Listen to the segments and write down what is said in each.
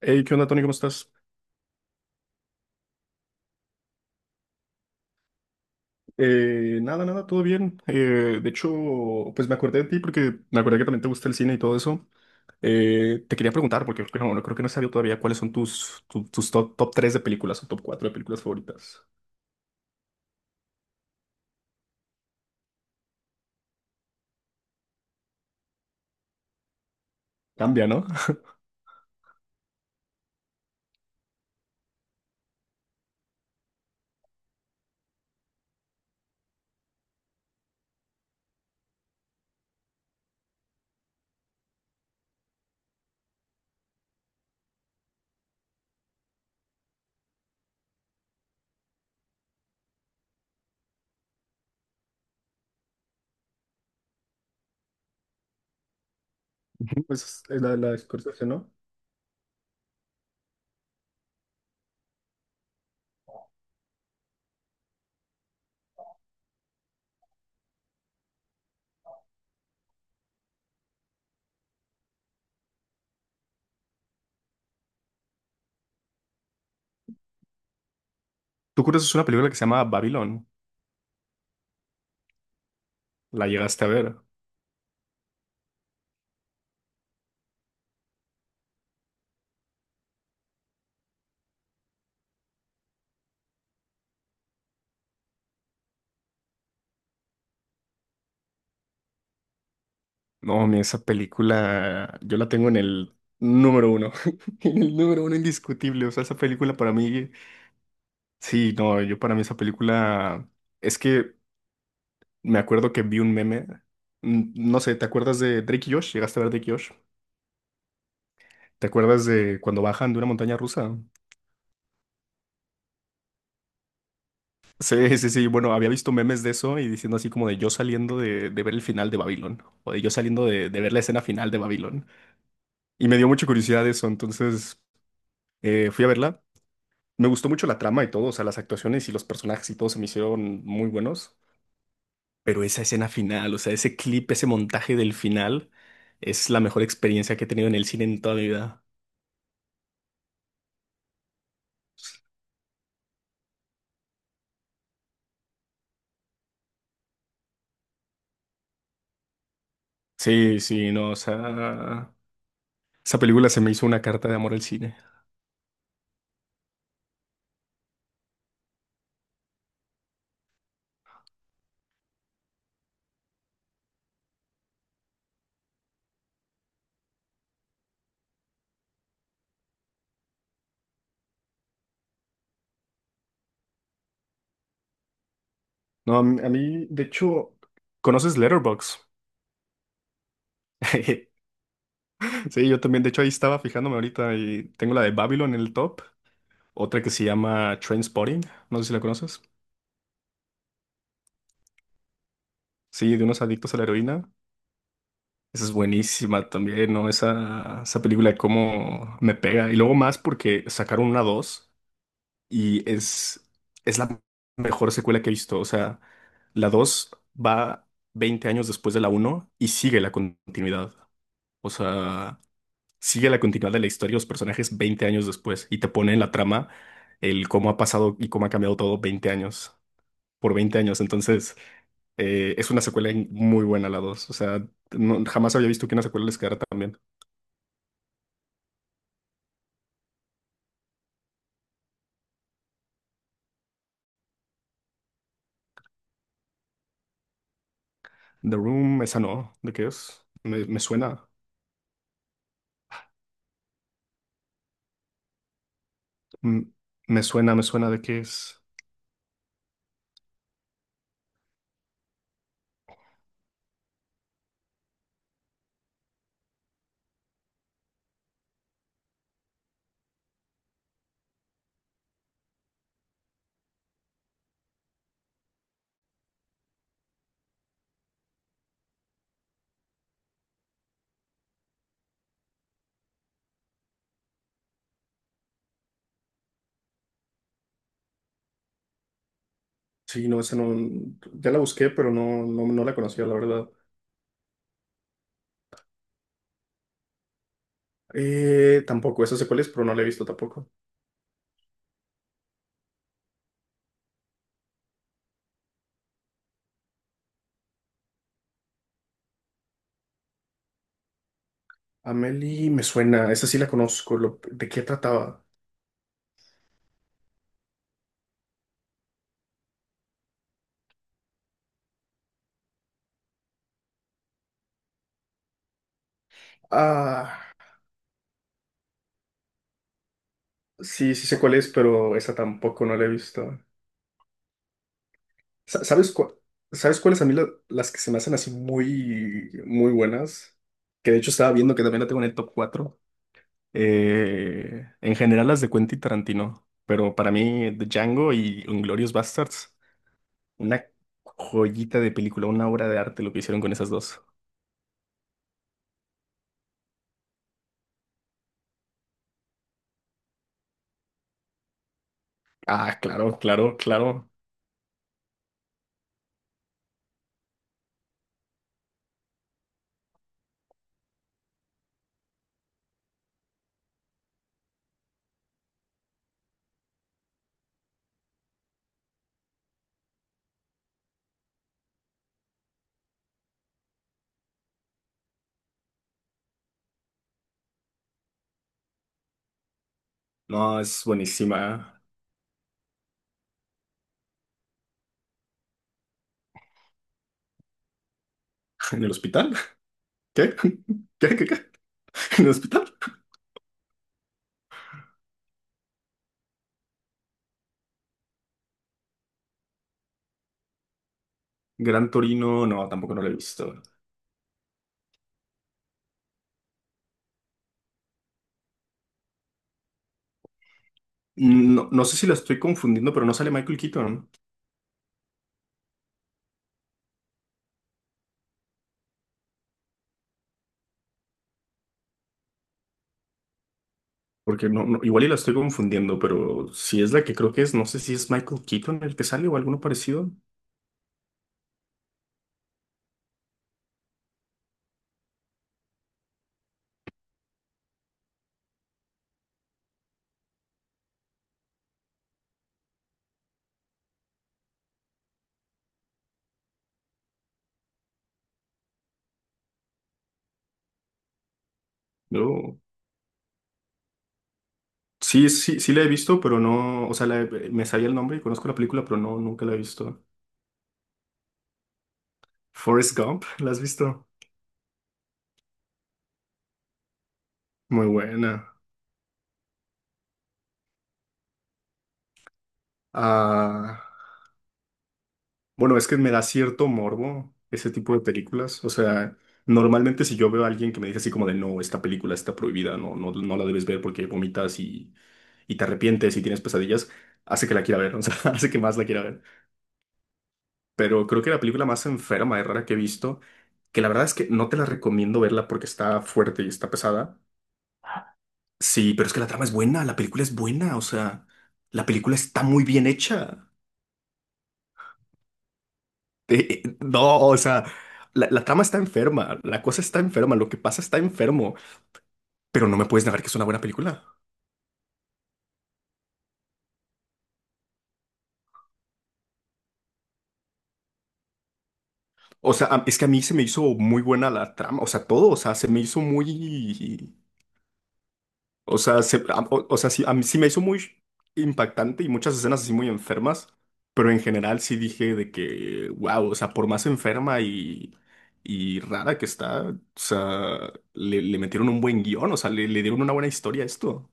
Hey, ¿qué onda, Tony? ¿Cómo estás? Nada, nada, todo bien. De hecho, pues me acordé de ti porque me acordé que también te gusta el cine y todo eso. Te quería preguntar, porque creo que no, no creo que no he sabido todavía cuáles son tus top 3 de películas o top cuatro de películas favoritas. Cambia, ¿no? Ujú. Pues es la de Scorsese, ¿no? Tú conoces una película que se llama Babylon. ¿La llegaste a ver? No, mi esa película yo la tengo en el número uno. En el número uno indiscutible. O sea, esa película para mí. Sí, no, yo para mí esa película es que me acuerdo que vi un meme, no sé, ¿te acuerdas de Drake y Josh? ¿Llegaste a ver Drake y Josh? ¿Te acuerdas de cuando bajan de una montaña rusa? Sí, sí, sí, bueno, había visto memes de eso y diciendo así como de yo saliendo de ver el final de Babylon o de yo saliendo de ver la escena final de Babylon. Y me dio mucha curiosidad eso, entonces fui a verla. Me gustó mucho la trama y todo, o sea, las actuaciones y los personajes y todo se me hicieron muy buenos. Pero esa escena final, o sea, ese clip, ese montaje del final, es la mejor experiencia que he tenido en el cine en toda mi vida. Sí, sí, no, o sea, esa película se me hizo una carta de amor al cine. No, de hecho, ¿conoces Letterboxd? Sí, yo también, de hecho, ahí estaba fijándome ahorita y tengo la de Babylon en el top, otra que se llama Trainspotting, no sé si la conoces. Sí, de unos adictos a la heroína. Esa es buenísima también, ¿no? Esa película, cómo me pega. Y luego más porque sacaron una 2. Y es la mejor secuela que he visto. O sea, la 2 va 20 años después de la uno y sigue la continuidad. O sea, sigue la continuidad de la historia y los personajes 20 años después y te pone en la trama el cómo ha pasado y cómo ha cambiado todo 20 años, por 20 años. Entonces, es una secuela muy buena la dos. O sea, jamás había visto que una secuela les quedara tan bien. The Room, esa no. ¿De qué es? Me suena. Mm, me suena de qué es. Sí, no, esa no, ya la busqué, pero no, no, no la conocía, la verdad. Tampoco, esa sé cuál es, pero no la he visto tampoco. Amelie me suena, esa sí la conozco, ¿de qué trataba? Ah, sí, sí sé cuál es, pero esa tampoco no la he visto. ¿Sabes cuál? ¿Sabes cuáles a mí las que se me hacen así muy, muy buenas? Que de hecho estaba viendo que también la tengo en el top 4. En general las de Quentin Tarantino, pero para mí The Django y Inglourious Basterds. Una joyita de película, una obra de arte lo que hicieron con esas dos. Ah, claro, claro, claro. No, es buenísima. ¿En el hospital? ¿Qué? ¿Qué, qué, qué? ¿En el hospital? Gran Torino, no, tampoco no la he visto. No, no sé si la estoy confundiendo, pero no sale Michael Keaton. Porque igual y la estoy confundiendo, pero si es la que creo que es, no sé si es Michael Keaton el que sale o alguno parecido. Yo sí, sí, sí la he visto, pero no, o sea, me sabía el nombre y conozco la película, pero no, nunca la he visto. Forrest Gump, ¿la has visto? Muy buena. Ah, bueno, es que me da cierto morbo ese tipo de películas. O sea, normalmente si yo veo a alguien que me dice así como de no, esta película está prohibida, no, no, no la debes ver porque vomitas y, te arrepientes y tienes pesadillas, hace que la quiera ver, o sea, hace que más la quiera ver. Pero creo que la película más enferma y rara que he visto, que la verdad es que no te la recomiendo verla porque está fuerte y está pesada. Sí, pero es que la trama es buena, la película es buena, o sea, la película está muy bien hecha. No, o sea, la trama está enferma, la cosa está enferma, lo que pasa está enfermo, pero no me puedes negar que es una buena película. O sea, es que a mí se me hizo muy buena la trama, o sea, todo, o sea, se me hizo muy, o sea, o sea, sí, a mí sí me hizo muy impactante y muchas escenas así muy enfermas, pero en general sí dije de que, wow, o sea, por más enferma y, rara que está, o sea, le, metieron un buen guión, o sea, le, dieron una buena historia a esto.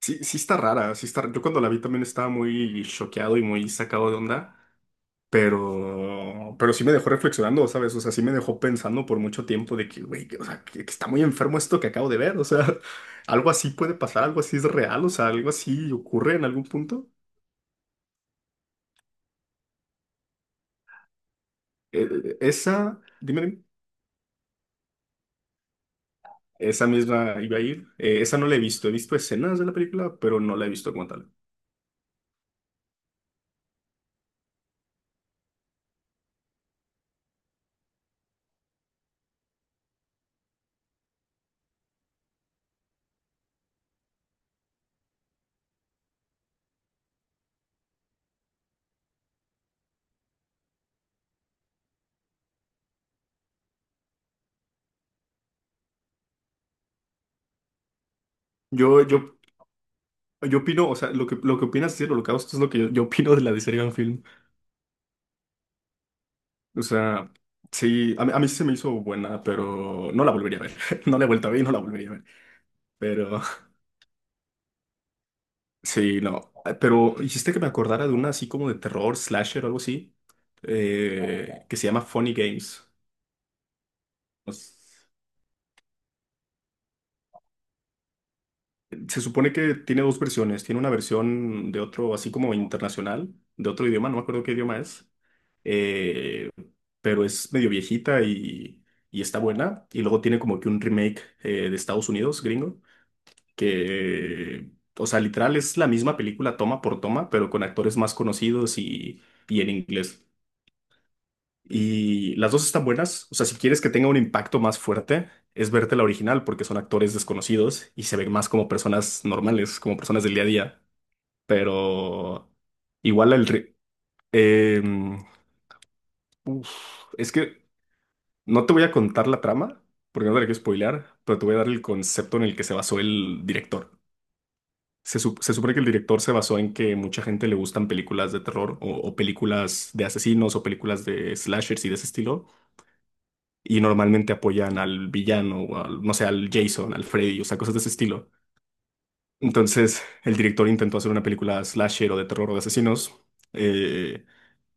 Sí, sí está rara, sí está, yo cuando la vi también estaba muy choqueado y muy sacado de onda, pero sí me dejó reflexionando, ¿sabes? O sea, sí me dejó pensando por mucho tiempo de que, güey, o sea, que está muy enfermo esto que acabo de ver, o sea, algo así puede pasar, algo así es real, o sea, algo así ocurre en algún punto. Dime, dime, esa misma iba a ir, esa no la he visto escenas de la película, pero no la he visto como tal. Yo, yo, yo opino, o sea, lo que opinas, sí, lo que hago, esto es lo que yo opino de la de Serial Film. O sea, sí, a mí sí se me hizo buena, pero no la volvería a ver. No la he vuelto a ver y no la volvería a ver. Pero sí, no. Pero hiciste que me acordara de una así como de terror, slasher o algo así, que se llama Funny Games. Pues, se supone que tiene dos versiones. Tiene una versión de otro, así como internacional, de otro idioma, no me acuerdo qué idioma es. eh, pero es medio viejita y, está buena. Y luego tiene como que un remake de Estados Unidos, gringo. Que, o sea, literal es la misma película toma por toma, pero con actores más conocidos y, en inglés. Y las dos están buenas, o sea, si quieres que tenga un impacto más fuerte, es verte la original porque son actores desconocidos y se ven más como personas normales, como personas del día a día, pero igual el... ri- em, uf, es que no te voy a contar la trama, porque no te la quiero spoilear, pero te voy a dar el concepto en el que se basó el director. Se supone que el director se basó en que mucha gente le gustan películas de terror o películas de asesinos o películas de slashers y de ese estilo. Y normalmente apoyan al villano o al, no sé, al Jason, al Freddy, o sea, cosas de ese estilo. Entonces, el director intentó hacer una película slasher o de terror o de asesinos, eh,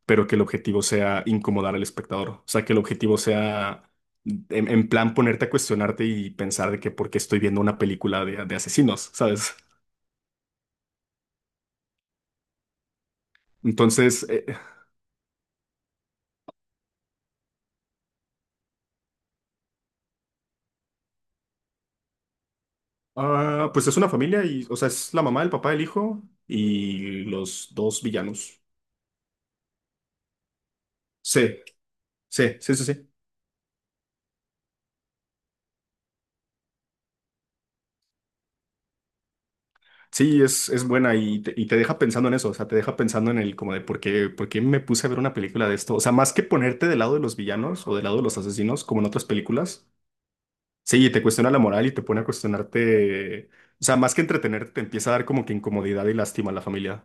pero que el objetivo sea incomodar al espectador. O sea, que el objetivo sea en plan ponerte a cuestionarte y pensar de que por qué estoy viendo una película de asesinos, ¿sabes? Entonces, Ah, pues es una familia y, o sea, es la mamá, el papá, el hijo y los dos villanos. Sí, sí, sí, sí, sí. Sí, es buena y te deja pensando en eso, o sea, te deja pensando en el como de por qué, me puse a ver una película de esto. O sea, más que ponerte del lado de los villanos o del lado de los asesinos, como en otras películas, sí, te cuestiona la moral y te pone a cuestionarte, o sea, más que entretenerte, te empieza a dar como que incomodidad y lástima a la familia.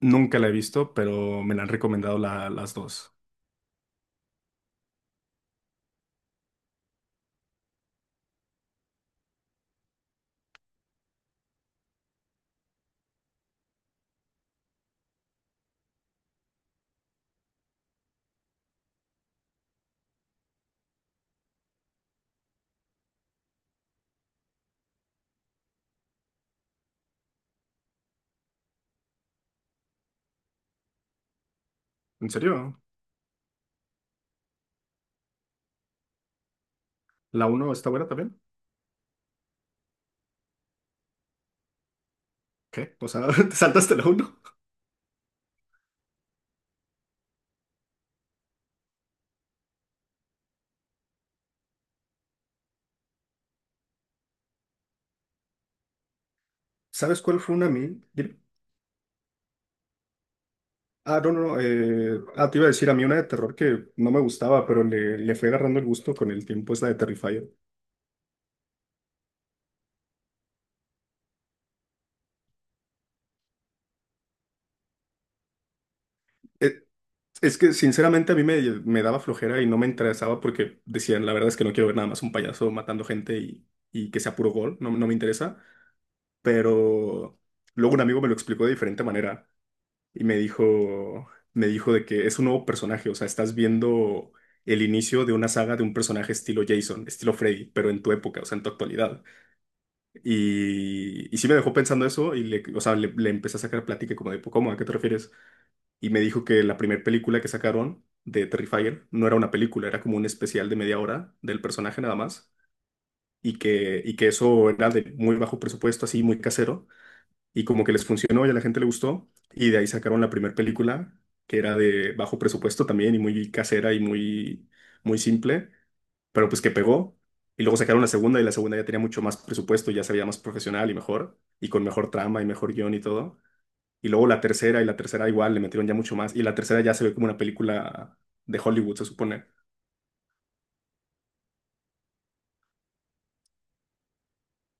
Nunca la he visto, pero me la han recomendado las dos. ¿En serio? ¿La uno está buena también? ¿Qué? O sea, te saltaste la uno. ¿Sabes cuál fue una a mí? Dime. Ah, no, no, no. Te iba a decir, a mí una de terror que no me gustaba, pero le fue agarrando el gusto con el tiempo, es la de Terrifier. Eh, es que, sinceramente, a mí me, me daba flojera y no me interesaba porque decían, la verdad es que no quiero ver nada más un payaso matando gente y que sea puro gol, no, no me interesa. Pero luego un amigo me lo explicó de diferente manera. Y me dijo de que es un nuevo personaje, o sea, estás viendo el inicio de una saga de un personaje estilo Jason, estilo Freddy, pero en tu época, o sea, en tu actualidad. Y sí me dejó pensando eso y le, o sea, le empecé a sacar plática como de, "Pues, ¿cómo? ¿A qué te refieres?" Y me dijo que la primera película que sacaron de Terrifier no era una película, era como un especial de media hora del personaje nada más. Y que eso era de muy bajo presupuesto, así muy casero y como que les funcionó y a la gente le gustó. Y de ahí sacaron la primera película, que era de bajo presupuesto también y muy casera y muy, muy simple, pero pues que pegó. Y luego sacaron la segunda y la segunda ya tenía mucho más presupuesto, ya se veía más profesional y mejor, y con mejor trama y mejor guión y todo. Y luego la tercera y la tercera igual le metieron ya mucho más. Y la tercera ya se ve como una película de Hollywood, se supone.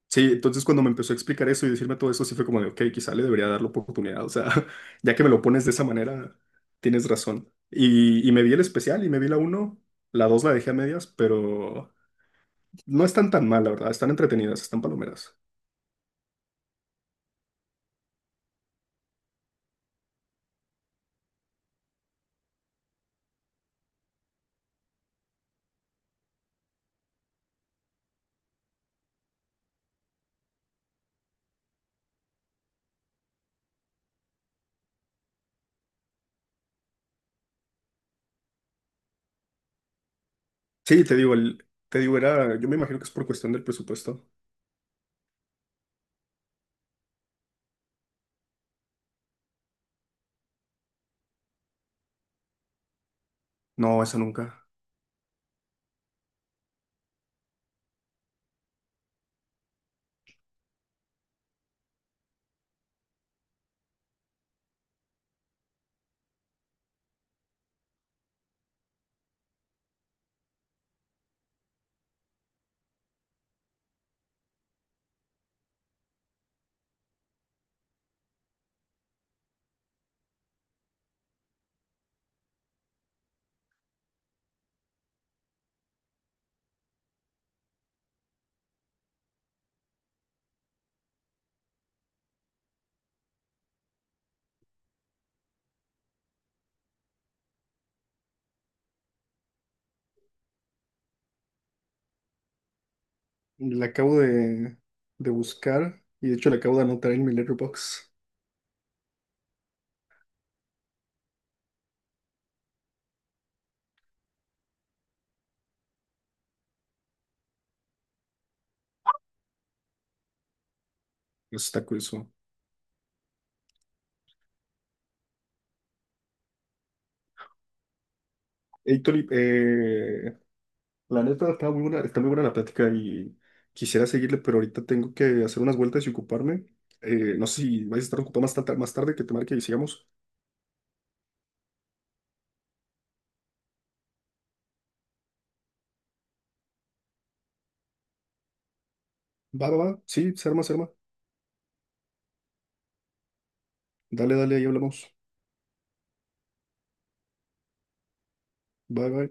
Sí, entonces cuando me empezó a explicar eso y decirme todo eso, sí fue como de, ok, quizá le debería dar la oportunidad. O sea, ya que me lo pones de esa manera, tienes razón. Y me vi el especial y me vi la uno, la 2 la dejé a medias, pero no están tan mal, la verdad. Están entretenidas, están palomeras. Sí, te digo, te digo, era, yo me imagino que es por cuestión del presupuesto. No, esa nunca. La acabo de buscar y de hecho la acabo de anotar en mi letterbox. Eso está curioso. Héctor, la neta está muy buena la plática y quisiera seguirle, pero ahorita tengo que hacer unas vueltas y ocuparme. No sé si vais a estar ocupado más tarde que te marque y sigamos. Va, va, va. Sí, se arma, se arma. Dale, dale, ahí hablamos. Bye, bye.